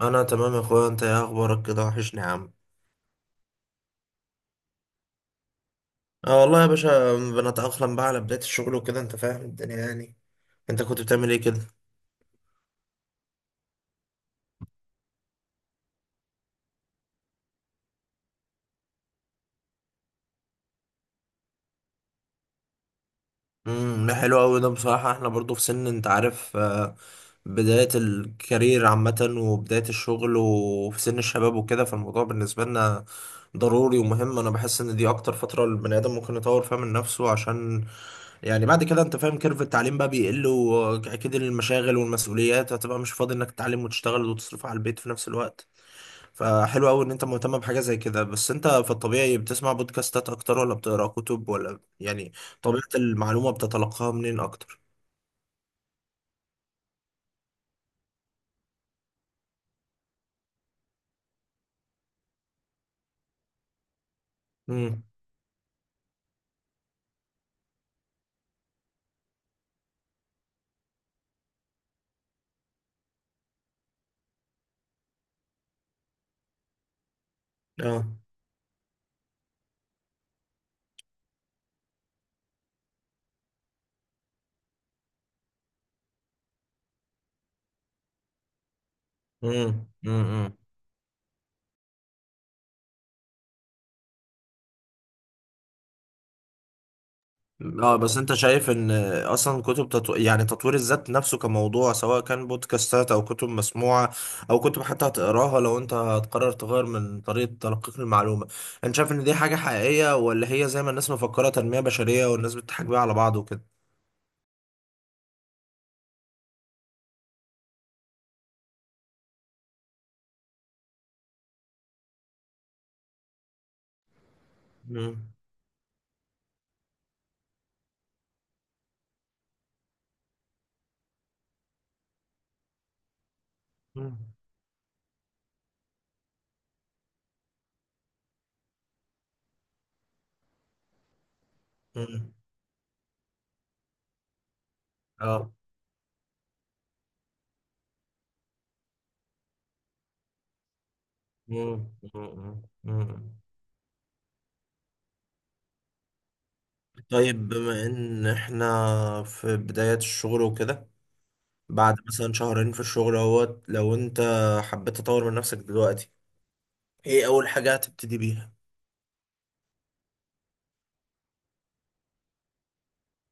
انا تمام يا اخويا، انت ايه اخبارك كده؟ وحشني يا عم. اه والله يا باشا، بنتأقلم بقى على بداية الشغل وكده، انت فاهم الدنيا يعني. انت كنت بتعمل ايه كده؟ ده حلو قوي، ده بصراحة احنا برضو في سن انت عارف، بداية الكارير عامة وبداية الشغل وفي سن الشباب وكده، فالموضوع بالنسبة لنا ضروري ومهم. انا بحس ان دي اكتر فترة البني ادم ممكن يطور فيها من نفسه، عشان يعني بعد كده انت فاهم كيرف التعليم بقى بيقل، واكيد المشاغل والمسؤوليات هتبقى مش فاضي انك تتعلم وتشتغل وتصرف على البيت في نفس الوقت. فحلو قوي ان انت مهتم بحاجه زي كده. بس انت في الطبيعي بتسمع بودكاستات اكتر ولا بتقرا كتب ولا يعني طبيعه المعلومه بتتلقاها منين اكتر؟ امم اه. امم امم اه. بس انت شايف ان اصلا كتب يعني تطوير الذات نفسه كموضوع، سواء كان بودكاستات او كتب مسموعه او كتب حتى هتقراها، لو انت هتقرر تغير من طريقه تلقيك للمعلومه، انت شايف ان دي حاجه حقيقيه ولا هي زي ما الناس مفكره تنميه بشريه والناس بتضحك بيها على بعض وكده؟ امم امم اه. مم. مم. مم. طيب بما ان احنا في بداية الشغل وكده، بعد مثلا شهرين في الشغل اهوت، لو انت حبيت تطور من نفسك دلوقتي، ايه اول حاجة هتبتدي بيها؟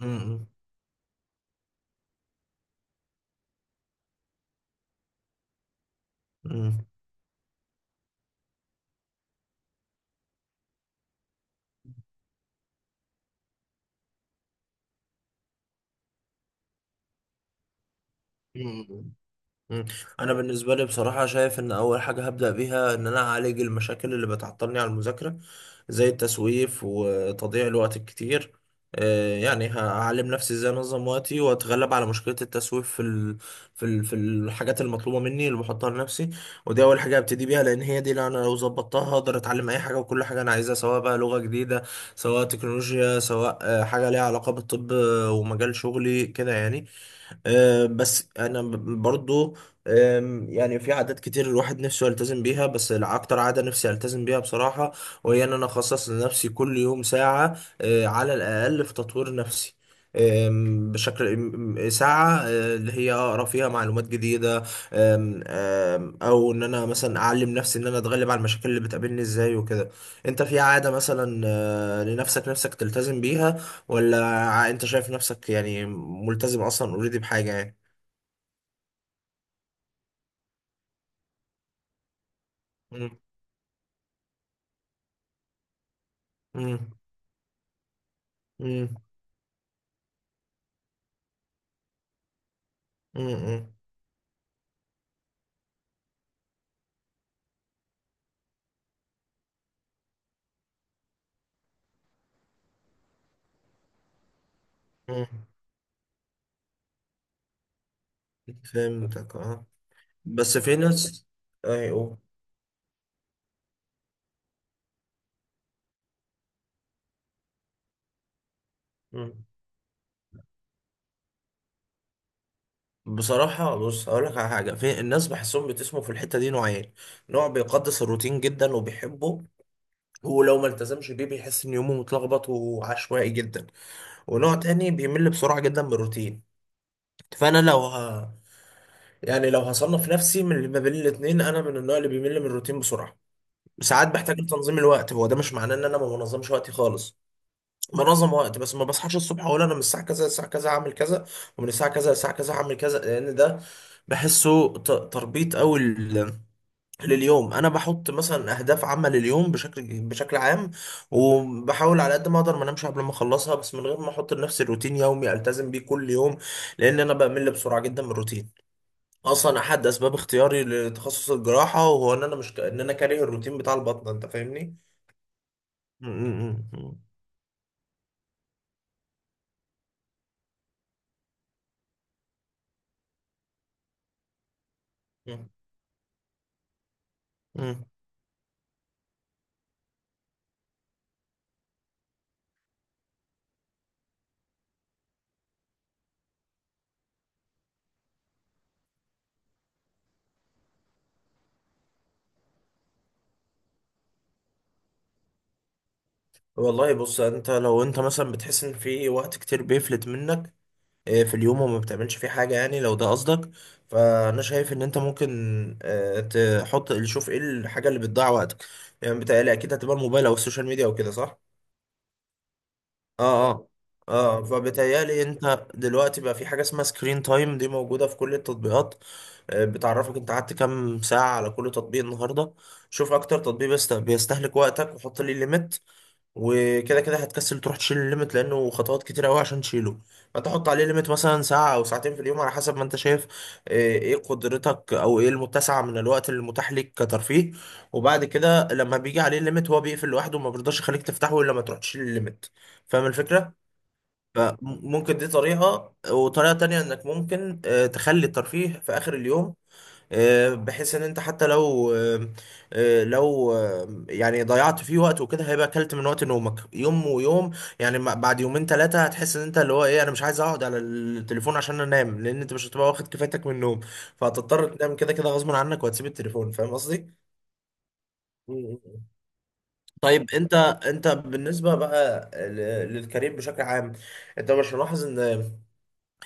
مم. مم. مم. مم. انا بالنسبه لي بصراحه شايف ان اول حاجه هبدا بيها ان انا اعالج المشاكل اللي بتعطلني على المذاكره، زي التسويف وتضييع الوقت الكتير. يعني هعلم نفسي ازاي انظم وقتي واتغلب على مشكله التسويف في في الحاجات المطلوبه مني اللي بحطها لنفسي. ودي اول حاجه هبتدي بيها، لان هي دي اللي انا لو ظبطتها هقدر اتعلم اي حاجه وكل حاجه انا عايزها، سواء بقى لغه جديده سواء تكنولوجيا سواء حاجه ليها علاقه بالطب، ومجال شغلي كده يعني. بس انا برضو، يعني في عادات كتير الواحد نفسه يلتزم بيها، بس اكتر عادة نفسي التزم بيها بصراحة، وهي ان انا اخصص لنفسي كل يوم ساعة على الاقل في تطوير نفسي. آم، بشكل م- م- ساعة اللي هي أقرأ فيها معلومات جديدة. آم، آم، أو إن أنا مثلا أعلم نفسي إن أنا أتغلب على المشاكل اللي بتقابلني إزاي وكده. أنت في عادة مثلا لنفسك تلتزم بيها، ولا انت شايف نفسك يعني ملتزم اصلا اوريدي بحاجة يعني؟ مم. مم. مم. مم. مم. فهمتك اه. بس في ناس... ايوه. مم. بصراحة بص هقول لك على حاجة. في الناس بحسهم بتسموا في الحتة دي نوعين. نوع بيقدس الروتين جدا وبيحبه، ولو ما التزمش بيه بيحس ان يومه متلخبط وعشوائي جدا. ونوع تاني بيمل بسرعة جدا من الروتين. فانا لو ه... يعني لو هصنف نفسي من اللي ما بين الاتنين، انا من النوع اللي بيمل من الروتين بسرعة. ساعات بحتاج لتنظيم الوقت. هو ده مش معناه ان انا ما بنظمش وقتي خالص، بنظم وقت، بس ما بصحاش الصبح اقول انا من الساعه كذا للساعه كذا هعمل كذا، ومن الساعه كذا للساعه كذا هعمل كذا، لان ده بحسه تربيط قوي لليوم. انا بحط مثلا اهداف عامه لليوم، بشكل عام، وبحاول على قد ما اقدر ما انامش قبل ما اخلصها، بس من غير ما احط لنفسي روتين يومي التزم بيه كل يوم، لان انا بمل بسرعه جدا من الروتين. اصلا احد اسباب اختياري لتخصص الجراحه وهو ان انا مش ك... ان انا كاره الروتين بتاع البطنه، انت فاهمني. مم. مم. مم. مم. والله بص، انت لو انت مثلا بتحس ان في وقت كتير بيفلت منك في اليوم وما بتعملش فيه حاجة، يعني لو ده قصدك، فانا شايف ان انت ممكن آه، تحط، شوف ايه الحاجة اللي بتضيع وقتك. يعني بتهيألي اكيد هتبقى الموبايل او السوشيال ميديا او كده، صح؟ اه اه. اه، فبتهيألي انت دلوقتي بقى في حاجة اسمها سكرين تايم، دي موجودة في كل التطبيقات، بتعرفك انت قعدت كام ساعة على كل تطبيق النهاردة. شوف اكتر تطبيق بيستهلك وقتك، وحط لي ليميت، وكده كده هتكسل تروح تشيل الليمت لانه خطوات كتير قوي عشان تشيله. فتحط عليه ليميت مثلا ساعة او ساعتين في اليوم على حسب ما انت شايف، آه، ايه قدرتك او ايه المتسع من الوقت المتاح ليك كترفيه. وبعد كده لما بيجي عليه الليميت هو بيقفل لوحده وما بيرضاش يخليك تفتحه الا لما تروح تشيل الليميت. فاهم الفكرة؟ فممكن دي طريقة، وطريقة تانية انك ممكن تخلي الترفيه في اخر اليوم، بحيث ان انت حتى لو يعني ضيعت فيه وقت وكده، هيبقى اكلت من وقت نومك يوم ويوم. يعني بعد يومين ثلاثة هتحس ان انت اللي هو ايه، انا مش عايز اقعد على التليفون عشان انام، لان انت مش هتبقى واخد كفايتك من النوم، فهتضطر تنام كده كده غصب عنك وهتسيب التليفون. فاهم قصدي؟ مم. طيب انت بالنسبه بقى للكارير بشكل عام، انت مش ملاحظ ان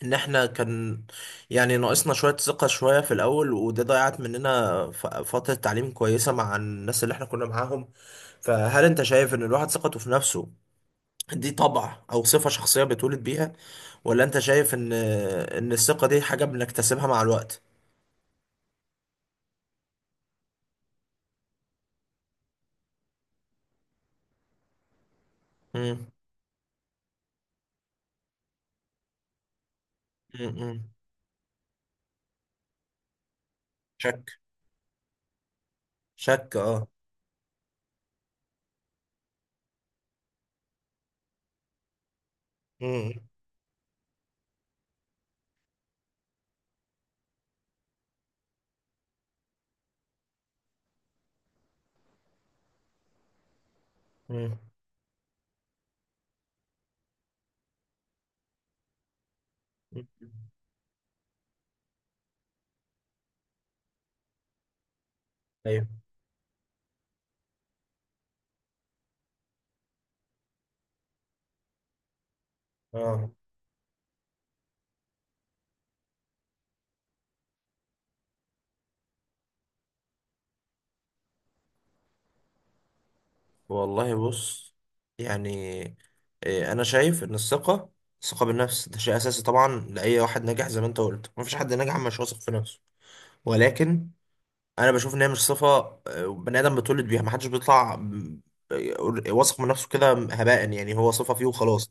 ان احنا كان يعني ناقصنا شوية ثقة شوية في الاول، وده ضيعت مننا فترة تعليم كويسة مع الناس اللي احنا كنا معاهم. فهل انت شايف ان الواحد ثقته في نفسه دي طبع او صفة شخصية بيتولد بيها، ولا انت شايف ان الثقة دي حاجة بنكتسبها مع الوقت؟ مم. مم. مم. شك. شك اه. مم. مم. مم. ايوه اه. والله بص يعني، انا شايف ان الثقه بالنفس ده شيء اساسي طبعا لاي واحد ناجح، زي ما انت قلت مفيش حد ناجح مش واثق في نفسه. ولكن انا بشوف ان هي مش صفه بني ادم بيتولد بيها، محدش بيطلع واثق من نفسه كده هباء، يعني هو صفه فيه وخلاص.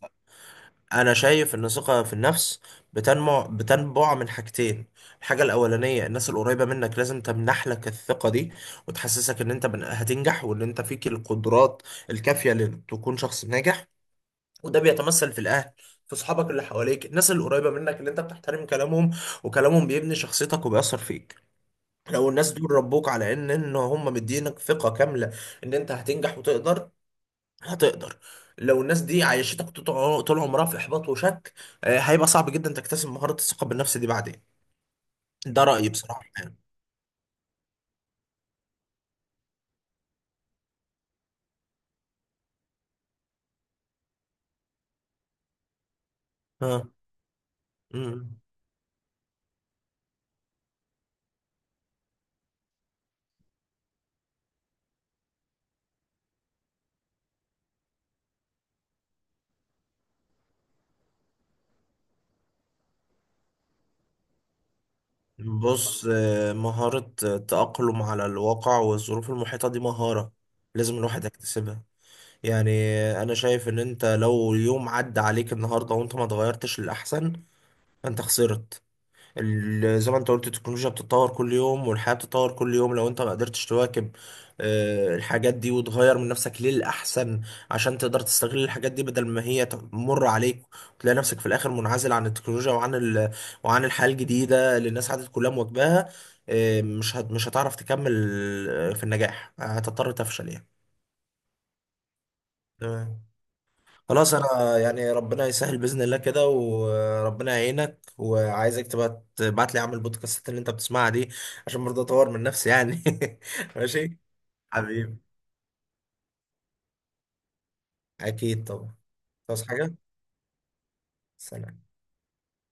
انا شايف ان الثقه في النفس بتنبع من حاجتين. الحاجه الاولانيه، الناس القريبه منك لازم تمنح لك الثقه دي، وتحسسك ان انت هتنجح وان انت فيك القدرات الكافيه لتكون شخص ناجح. وده بيتمثل في الاهل، في اصحابك اللي حواليك، الناس اللي قريبه منك اللي انت بتحترم كلامهم، وكلامهم بيبني شخصيتك وبيأثر فيك. لو الناس دول ربوك على ان هم مدينك ثقه كامله ان انت هتنجح وتقدر، هتقدر. لو الناس دي عايشتك طول عمرها في احباط وشك، هيبقى صعب جدا تكتسب مهارة الثقة بالنفس دي بعدين. ده رأيي بصراحة يعني. ها. مم. بص مهارة التأقلم على الواقع والظروف المحيطة دي مهارة لازم الواحد يكتسبها. يعني أنا شايف إن أنت لو يوم عدى عليك النهاردة وأنت ما اتغيرتش للأحسن، فأنت خسرت. زي ما انت قلت التكنولوجيا بتتطور كل يوم والحياة بتتطور كل يوم، لو انت ما قدرتش تواكب الحاجات دي وتغير من نفسك للأحسن عشان تقدر تستغل الحاجات دي بدل ما هي تمر عليك، وتلاقي نفسك في الآخر منعزل عن التكنولوجيا وعن وعن الحياة الجديدة اللي الناس عادت كلها مواكباها. مش هتعرف تكمل، في النجاح هتضطر تفشل يعني. تمام. خلاص انا يعني ربنا يسهل باذن الله كده وربنا يعينك، وعايزك تبقى تبعت لي اعمل البودكاستات اللي انت بتسمعها دي عشان برضه اطور من نفسي يعني. ماشي. حبيبي، اكيد طبعا. تصحى حاجه. سلام.